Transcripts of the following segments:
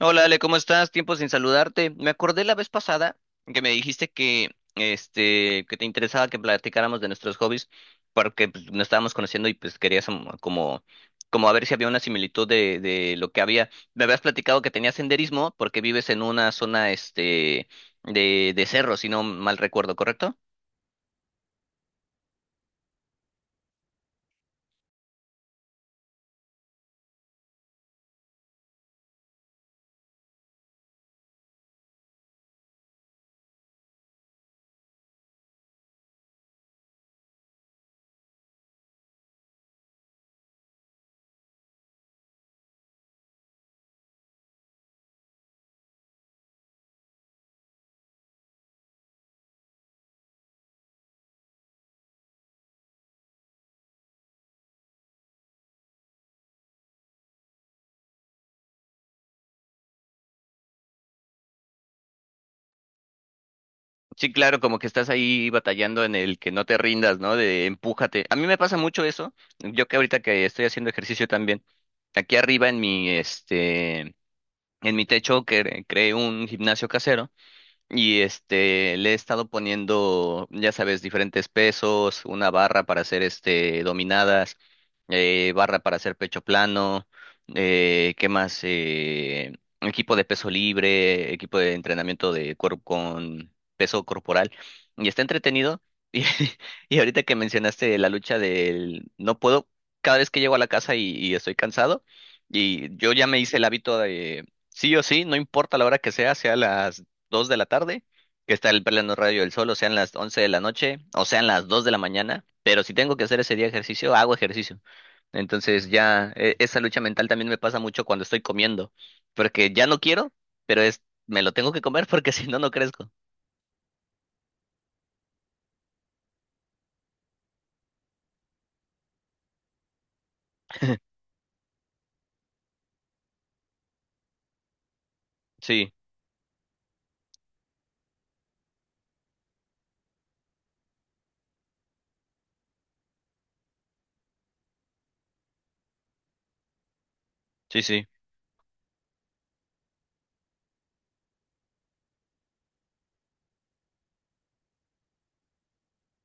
Hola Ale, ¿cómo estás? Tiempo sin saludarte. Me acordé la vez pasada que me dijiste que, que te interesaba que platicáramos de nuestros hobbies porque pues, nos estábamos conociendo y pues querías como, como a ver si había una similitud de lo que había. Me habías platicado que tenías senderismo porque vives en una zona de cerro, si no mal recuerdo, ¿correcto? Sí, claro, como que estás ahí batallando en el que no te rindas, ¿no? De empújate. A mí me pasa mucho eso. Yo que ahorita que estoy haciendo ejercicio también. Aquí arriba en mi, en mi techo que creé un gimnasio casero. Y le he estado poniendo, ya sabes, diferentes pesos, una barra para hacer este dominadas, barra para hacer pecho plano, ¿qué más? Equipo de peso libre, equipo de entrenamiento de cuerpo con peso corporal. Y está entretenido. Y, y ahorita que mencionaste la lucha del no puedo, cada vez que llego a la casa y estoy cansado, y yo ya me hice el hábito de sí o sí, no importa la hora que sea, sea las 2 de la tarde, que está el pleno radio del sol, o sean las 11 de la noche, o sean las 2 de la mañana, pero si tengo que hacer ese día ejercicio, hago ejercicio. Entonces ya esa lucha mental también me pasa mucho cuando estoy comiendo, porque ya no quiero, pero es, me lo tengo que comer porque si no, no crezco. Sí, sí, sí,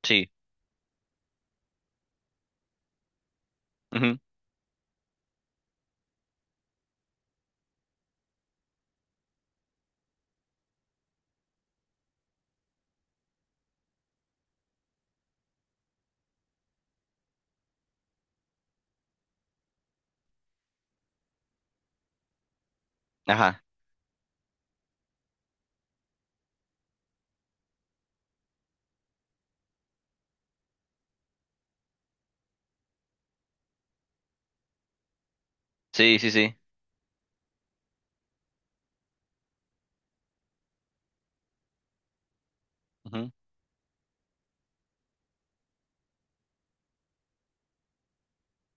sí. Ujú. Ajá, sí, sí, sí.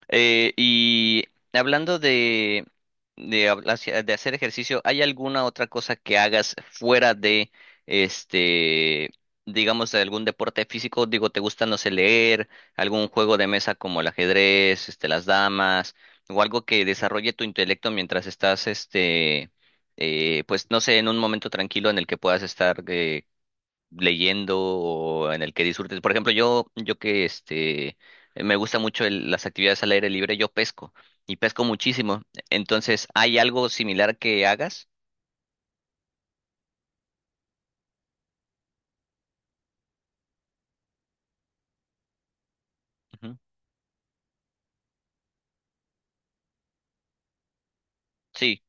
Y hablando de hacer ejercicio, ¿hay alguna otra cosa que hagas fuera de este, digamos, de algún deporte físico? Digo, ¿te gusta, no sé, leer, algún juego de mesa como el ajedrez, las damas, o algo que desarrolle tu intelecto mientras estás, pues, no sé, en un momento tranquilo en el que puedas estar leyendo o en el que disfrutes? Por ejemplo, yo que me gusta mucho las actividades al aire libre, yo pesco y pesco muchísimo. Entonces, ¿hay algo similar que hagas? Ujú. Sí,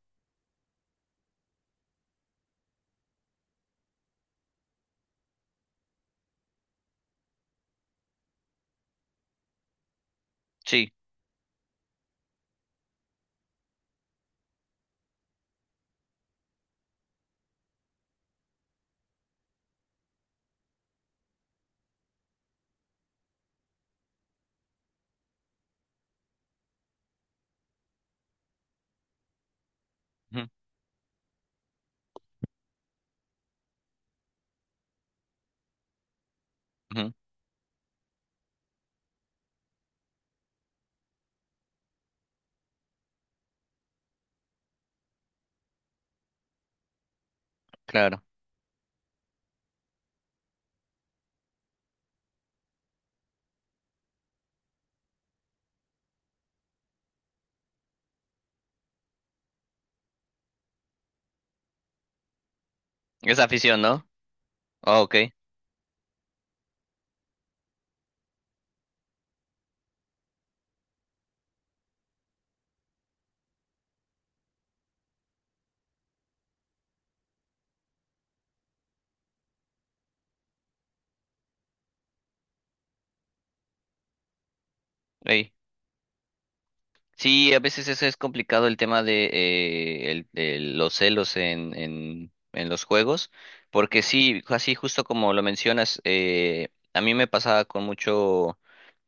sí, ujú, ujú, claro. Es afición, ¿no? Ah, ok. Ey. Sí, a veces eso es complicado el tema de, de los celos en los juegos, porque sí, así justo como lo mencionas, a mí me pasaba con mucho.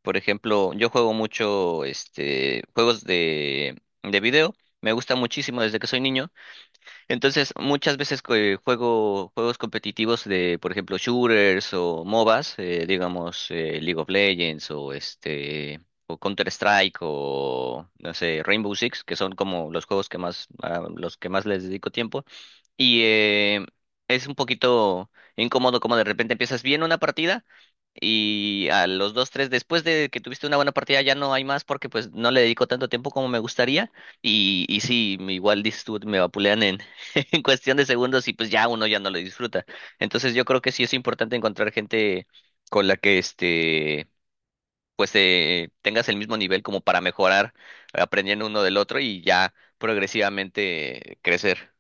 Por ejemplo, yo juego mucho juegos de video. Me gusta muchísimo desde que soy niño. Entonces, muchas veces que juego juegos competitivos de, por ejemplo, shooters o MOBAs, digamos, League of Legends o este o Counter Strike o no sé, Rainbow Six, que son como los juegos que más a los que más les dedico tiempo y eh, es un poquito incómodo como de repente empiezas bien una partida y a los dos, tres después de que tuviste una buena partida ya no hay más porque pues no le dedico tanto tiempo como me gustaría. Y sí, igual dices tú, me vapulean en cuestión de segundos y pues ya uno ya no lo disfruta. Entonces yo creo que sí es importante encontrar gente con la que pues tengas el mismo nivel como para mejorar aprendiendo uno del otro y ya progresivamente crecer.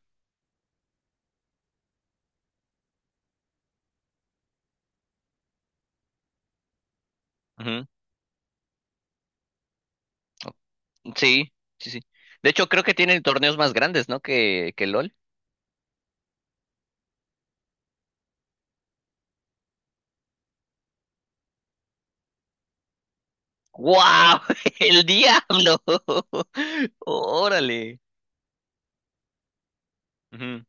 Ujú. Sí, sí, sí. De hecho creo que tienen torneos más grandes, ¿no? que LOL. ¡Wow! ¡El diablo! ¡Órale! Ujú,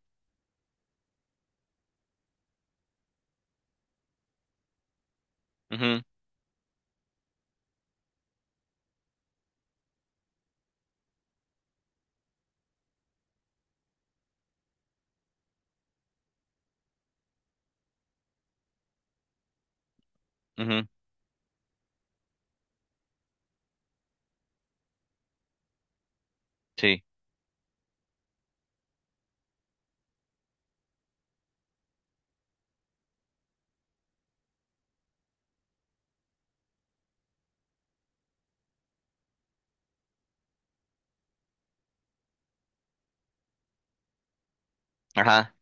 ujú, ujú. Sí. Ajá.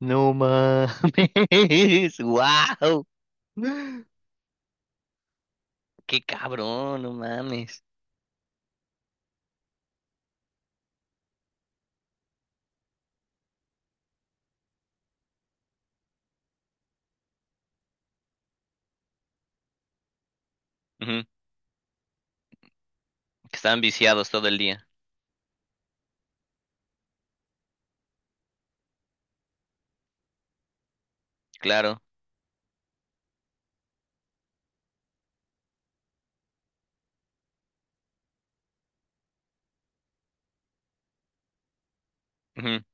No mames, wow. Qué cabrón, no mames. Ujú, que estaban viciados todo el día. Claro. Ujú.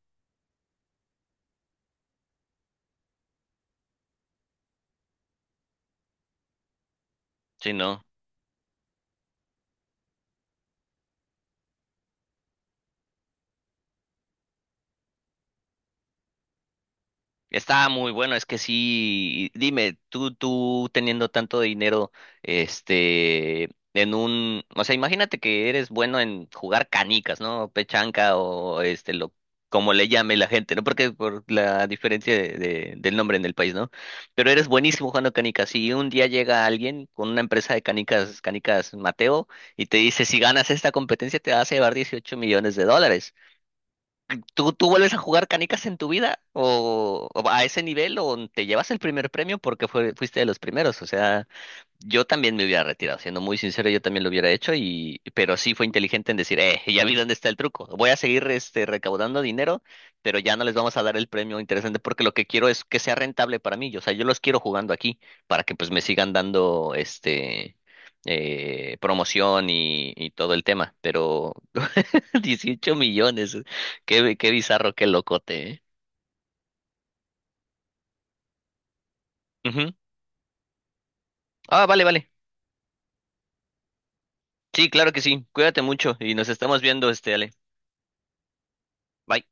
Sí, no. Está muy bueno, es que sí, dime, tú teniendo tanto dinero, en un, o sea, imagínate que eres bueno en jugar canicas, ¿no? Pechanca o este, lo, como le llame la gente, ¿no? Porque por la diferencia del nombre en el país, ¿no? Pero eres buenísimo jugando canicas y un día llega alguien con una empresa de canicas, canicas Mateo, y te dice, si ganas esta competencia te vas a llevar 18 millones de dólares. ¿Tú, tú vuelves a jugar canicas en tu vida? O a ese nivel? ¿O te llevas el primer premio porque fuiste de los primeros? O sea, yo también me hubiera retirado, siendo muy sincero, yo también lo hubiera hecho, y, pero sí fue inteligente en decir, ya vi dónde está el truco. Voy a seguir recaudando dinero, pero ya no les vamos a dar el premio interesante porque lo que quiero es que sea rentable para mí. O sea, yo los quiero jugando aquí para que pues me sigan dando este... promoción y todo el tema, pero 18 millones. Eh. Qué, qué bizarro, qué locote, ¿eh? Ujú. Ah, vale, vale. Sí, claro que sí. Cuídate mucho y nos estamos viendo, Ale. Bye.